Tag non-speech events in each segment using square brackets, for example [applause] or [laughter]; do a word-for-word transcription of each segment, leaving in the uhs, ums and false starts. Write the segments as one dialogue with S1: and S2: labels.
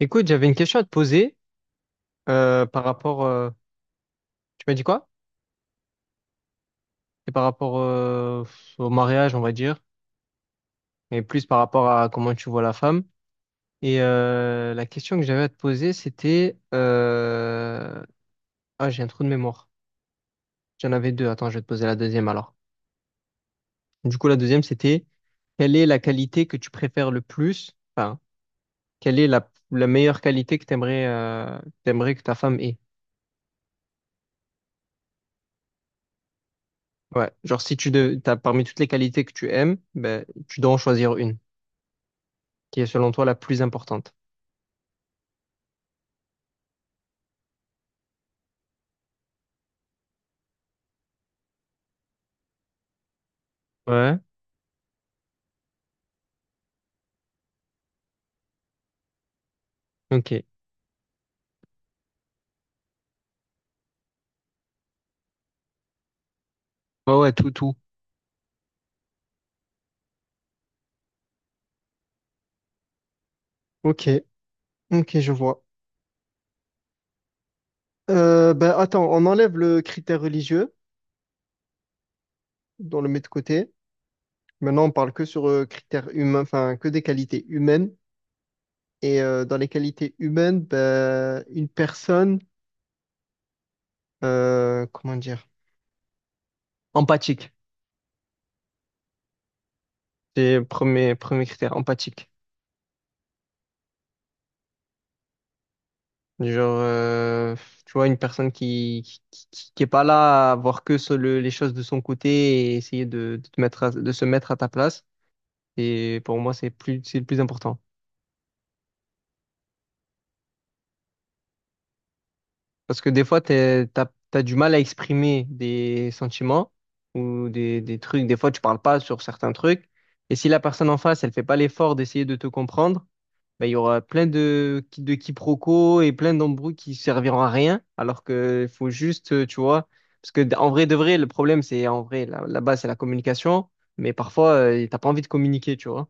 S1: Écoute, j'avais une question à te poser euh, par rapport. euh, tu m'as dit quoi? Et par rapport euh, au mariage, on va dire, et plus par rapport à comment tu vois la femme. Et euh, la question que j'avais à te poser, c'était. euh, Ah, j'ai un trou de mémoire. J'en avais deux. Attends, je vais te poser la deuxième alors. Du coup, la deuxième, c'était quelle est la qualité que tu préfères le plus? Enfin, quelle est la, la meilleure qualité que t'aimerais euh, t'aimerais que ta femme ait? Ouais, genre si tu de... t'as parmi toutes les qualités que tu aimes, ben, tu dois en choisir une qui est selon toi la plus importante. Ouais, ok. Ouais, ouais, tout, tout. Ok, ok, je vois. Euh, ben attends, on enlève le critère religieux, on le met de côté. Maintenant, on parle que sur euh, critères humains, enfin que des qualités humaines. Et euh, dans les qualités humaines, ben, une personne, euh, comment dire? Empathique, c'est le premier, premier critère, empathique. Genre, euh, tu vois, une personne qui, qui, qui- qui est pas là à voir que sur le- les choses de son côté et essayer de, de te mettre à- de se mettre à ta place. Et pour moi, c'est plus, c'est le plus important. Parce que des fois, t'es, t'as, t'as du mal à exprimer des sentiments ou des, des trucs. Des fois, tu parles pas sur certains trucs. Et si la personne en face, elle fait pas l'effort d'essayer de te comprendre, ben, il y aura plein de, de quiproquos et plein d'embrouilles qui serviront à rien, alors que faut juste, euh, tu vois, parce que en vrai de vrai, le problème, c'est en vrai, là là bas c'est la communication, mais parfois, euh, t'as pas envie de communiquer, tu vois.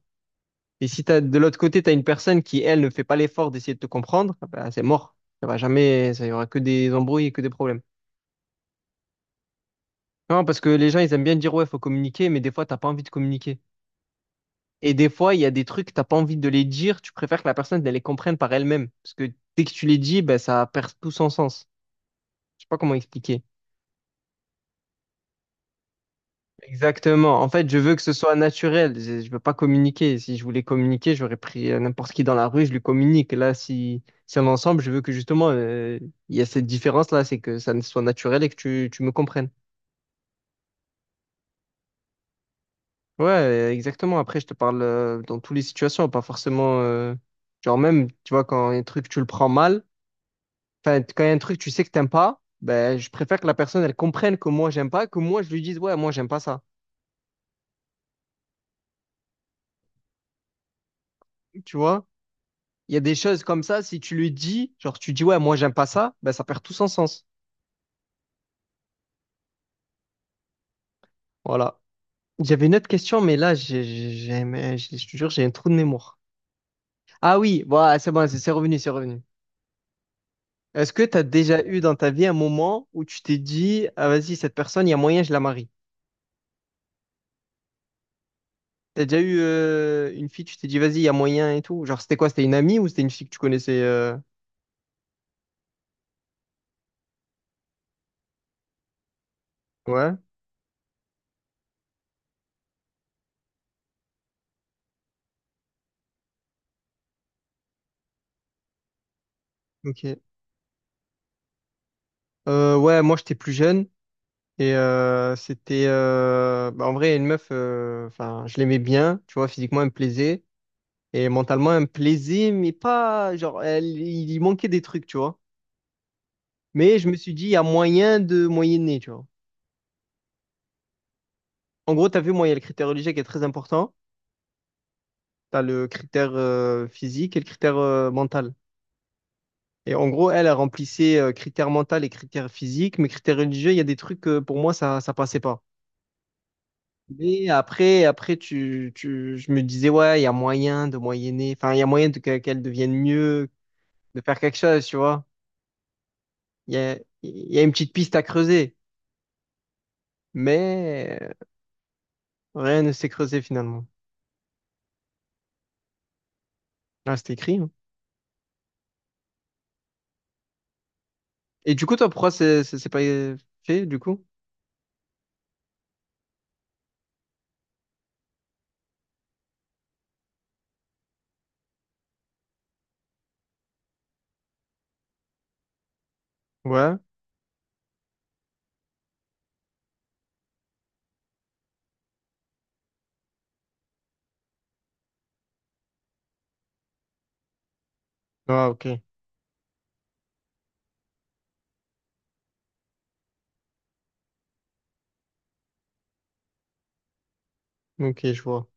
S1: Et si t'as, de l'autre côté, t'as une personne qui, elle, ne fait pas l'effort d'essayer de te comprendre, ah ben, c'est mort. Ça va jamais, ça y aura que des embrouilles et que des problèmes. Non, parce que les gens, ils aiment bien dire, ouais, faut communiquer, mais des fois, t'as pas envie de communiquer. Et des fois, il y a des trucs, t'as pas envie de les dire, tu préfères que la personne elle les comprenne par elle-même. Parce que dès que tu les dis, ben, ça perd tout son sens. Je sais pas comment expliquer. Exactement. En fait, je veux que ce soit naturel. Je, je veux pas communiquer. Si je voulais communiquer, j'aurais pris euh, n'importe qui dans la rue, je lui communique. Là, si, si on est ensemble, je veux que justement, euh, il y a cette différence-là, c'est que ça ne soit naturel et que tu, tu me comprennes. Ouais, euh, exactement. Après, je te parle euh, dans toutes les situations, pas forcément. euh, Genre même, tu vois, quand un truc, tu le prends mal. Enfin, quand il y a un truc, tu sais que t'aimes pas, ben, je préfère que la personne, elle comprenne que moi, j'aime pas, que moi, je lui dise, ouais, moi, j'aime pas ça. Tu vois? Il y a des choses comme ça, si tu lui dis, genre, tu dis, ouais, moi, j'aime pas ça, ben, ça perd tout son sens. Voilà. J'avais une autre question, mais là, j'ai, j'ai- j'ai- mais je je te jure, j'ai un trou de mémoire. Ah oui, voilà, c'est bon, c'est c'est revenu, c'est revenu. Est-ce que t'as déjà eu dans ta vie un moment où tu t'es dit, ah, vas-y, cette personne, il y a moyen, je la marie? T'as déjà eu euh, une fille, tu t'es dit, vas-y, il y a moyen et tout? Genre, c'était quoi? C'était une amie ou c'était une fille que tu connaissais? euh, Ouais. Ok. Euh, ouais, moi j'étais plus jeune et euh, c'était euh, bah, en vrai une meuf, euh, enfin je l'aimais bien, tu vois, physiquement elle me plaisait et mentalement elle me plaisait, mais pas genre elle, il y manquait des trucs, tu vois. Mais je me suis dit il y a moyen de moyenner, tu vois. En gros, t'as vu, moi il y a le critère religieux qui est très important, t'as le critère euh, physique et le critère euh, mental. Et en gros, elle, elle remplissait euh, critère mental et critère physique, mais critère religieux, il y a des trucs euh, pour moi ça ça passait pas. Mais après, après tu, tu, je me disais, ouais, il y a moyen de moyenner, enfin, il y a moyen de que- qu'elle devienne mieux, de faire quelque chose, tu vois. Il y a, il y a une petite piste à creuser, mais euh, rien ne s'est creusé finalement. Là, c'est écrit, hein. Et du coup, toi, pourquoi c'est c'est- c'est pas fait, du coup? Ouais. Ah, ok. Ok, je vois.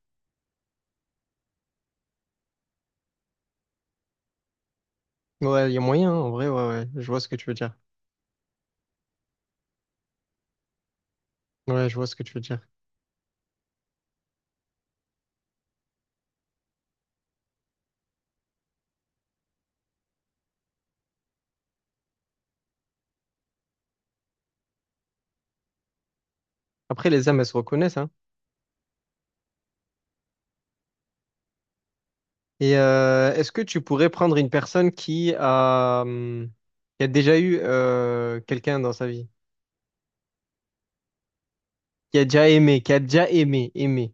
S1: Ouais, il y a moyen, hein, en vrai, ouais, ouais. Je vois ce que tu veux dire. Ouais, je vois ce que tu veux dire. Après, les âmes, elles se reconnaissent, hein. Et euh, est-ce que tu pourrais prendre une personne qui a, hum, qui a déjà eu euh, quelqu'un dans sa vie, qui a déjà aimé, qui a déjà aimé, aimé.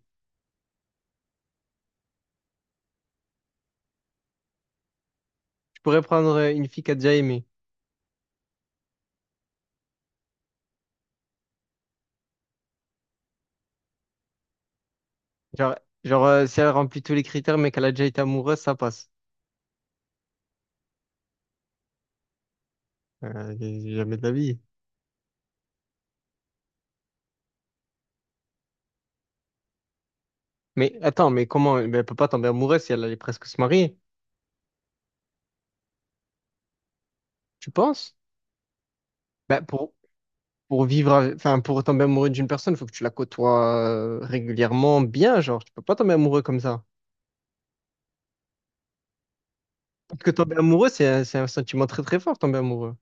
S1: Tu pourrais prendre euh, une fille qui a déjà aimé. Genre, genre euh, si elle remplit tous les critères, mais qu'elle a déjà été amoureuse, ça passe. Euh, Jamais de la vie. Mais attends, mais comment? Ben, elle peut pas tomber amoureuse si elle allait presque se marier. Tu penses? Ben, pour, pour vivre, avec- enfin, pour tomber amoureux d'une personne, il faut que tu la côtoies euh, régulièrement, bien, genre. Tu peux pas tomber amoureux comme ça. Parce que tomber amoureux, c'est un, c'est un sentiment très très fort, tomber amoureux.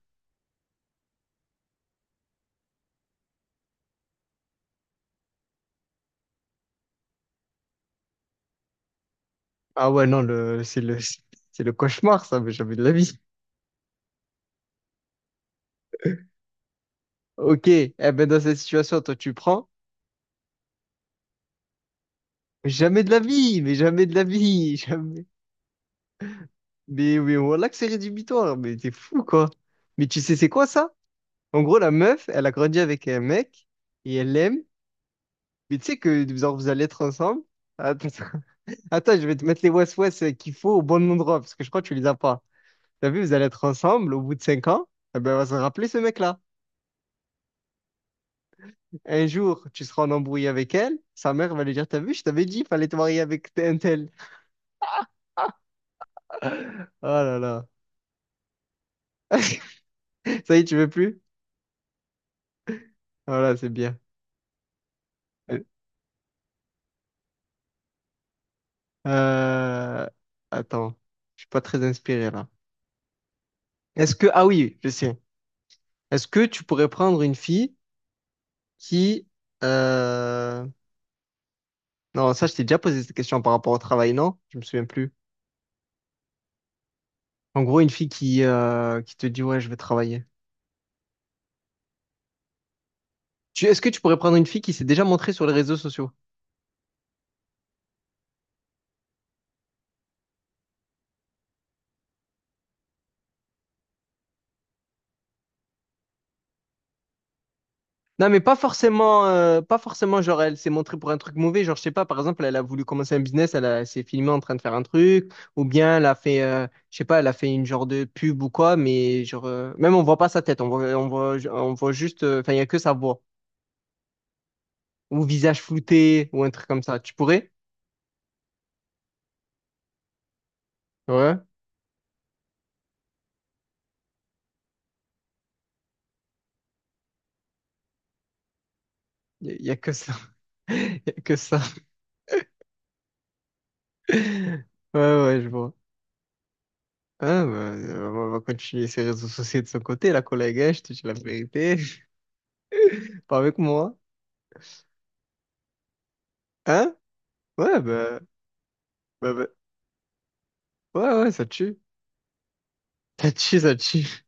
S1: Ah ouais, non, le, c'est le, [laughs] c'est le cauchemar, ça, mais jamais de la vie. Ok, eh ben dans cette situation, toi, tu prends. Mais jamais de la vie, mais jamais de la vie, [laughs] jamais. Mais, mais voilà que c'est rédhibitoire, mais t'es fou, quoi. Mais tu sais, c'est quoi ça? En gros, la meuf, elle a grandi avec un mec, et elle l'aime, mais tu sais que genre, vous allez être ensemble. Attends, [laughs] attends, je vais te mettre les ouest-ouest qu'il faut au bon endroit, parce que je crois que tu les as pas. T'as vu, vous allez être ensemble au bout de cinq ans, eh ben, elle va se rappeler ce mec-là. Un jour, tu seras en embrouille avec elle, sa mère va lui dire, t'as vu, je t'avais dit, il fallait te marier avec un tel. Oh là là. Ça y est, tu veux plus? Voilà, c'est bien. Euh... Attends, je suis pas très inspiré là. Est-ce que... Ah oui, je sais. Est-ce que tu pourrais prendre une fille qui... euh, Non, ça, je t'ai déjà posé cette question par rapport au travail, non? Je me souviens plus. En gros, une fille qui, euh, qui te dit, ouais, je vais travailler. Tu... Est-ce que tu pourrais prendre une fille qui s'est déjà montrée sur les réseaux sociaux? Non, mais pas forcément, euh, pas forcément, genre, elle s'est montrée pour un truc mauvais. Genre, je sais pas, par exemple, elle a voulu commencer un business, elle, a- elle s'est filmée en train de faire un truc, ou bien elle a fait, euh, je sais pas, elle a fait une genre de pub ou quoi, mais genre, euh, même on voit pas sa tête, on voit, on voit, on voit juste, euh, enfin, il y a que sa voix, ou visage flouté, ou un truc comme ça. Tu pourrais? Ouais, il y, y a que ça. [laughs] Il y a que ça. [laughs] Ouais, ouais, je vois. Ah, bah, euh, on va continuer ses réseaux sociaux de son côté, la collègue, hein, je te dis la vérité. [laughs] Pas avec moi. Hein? Ouais, ben Bah, bah, ouais, ouais, ça tue. Ça tue, ça tue.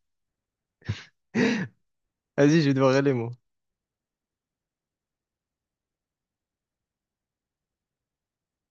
S1: Vas-y, je vais devoir aller, moi.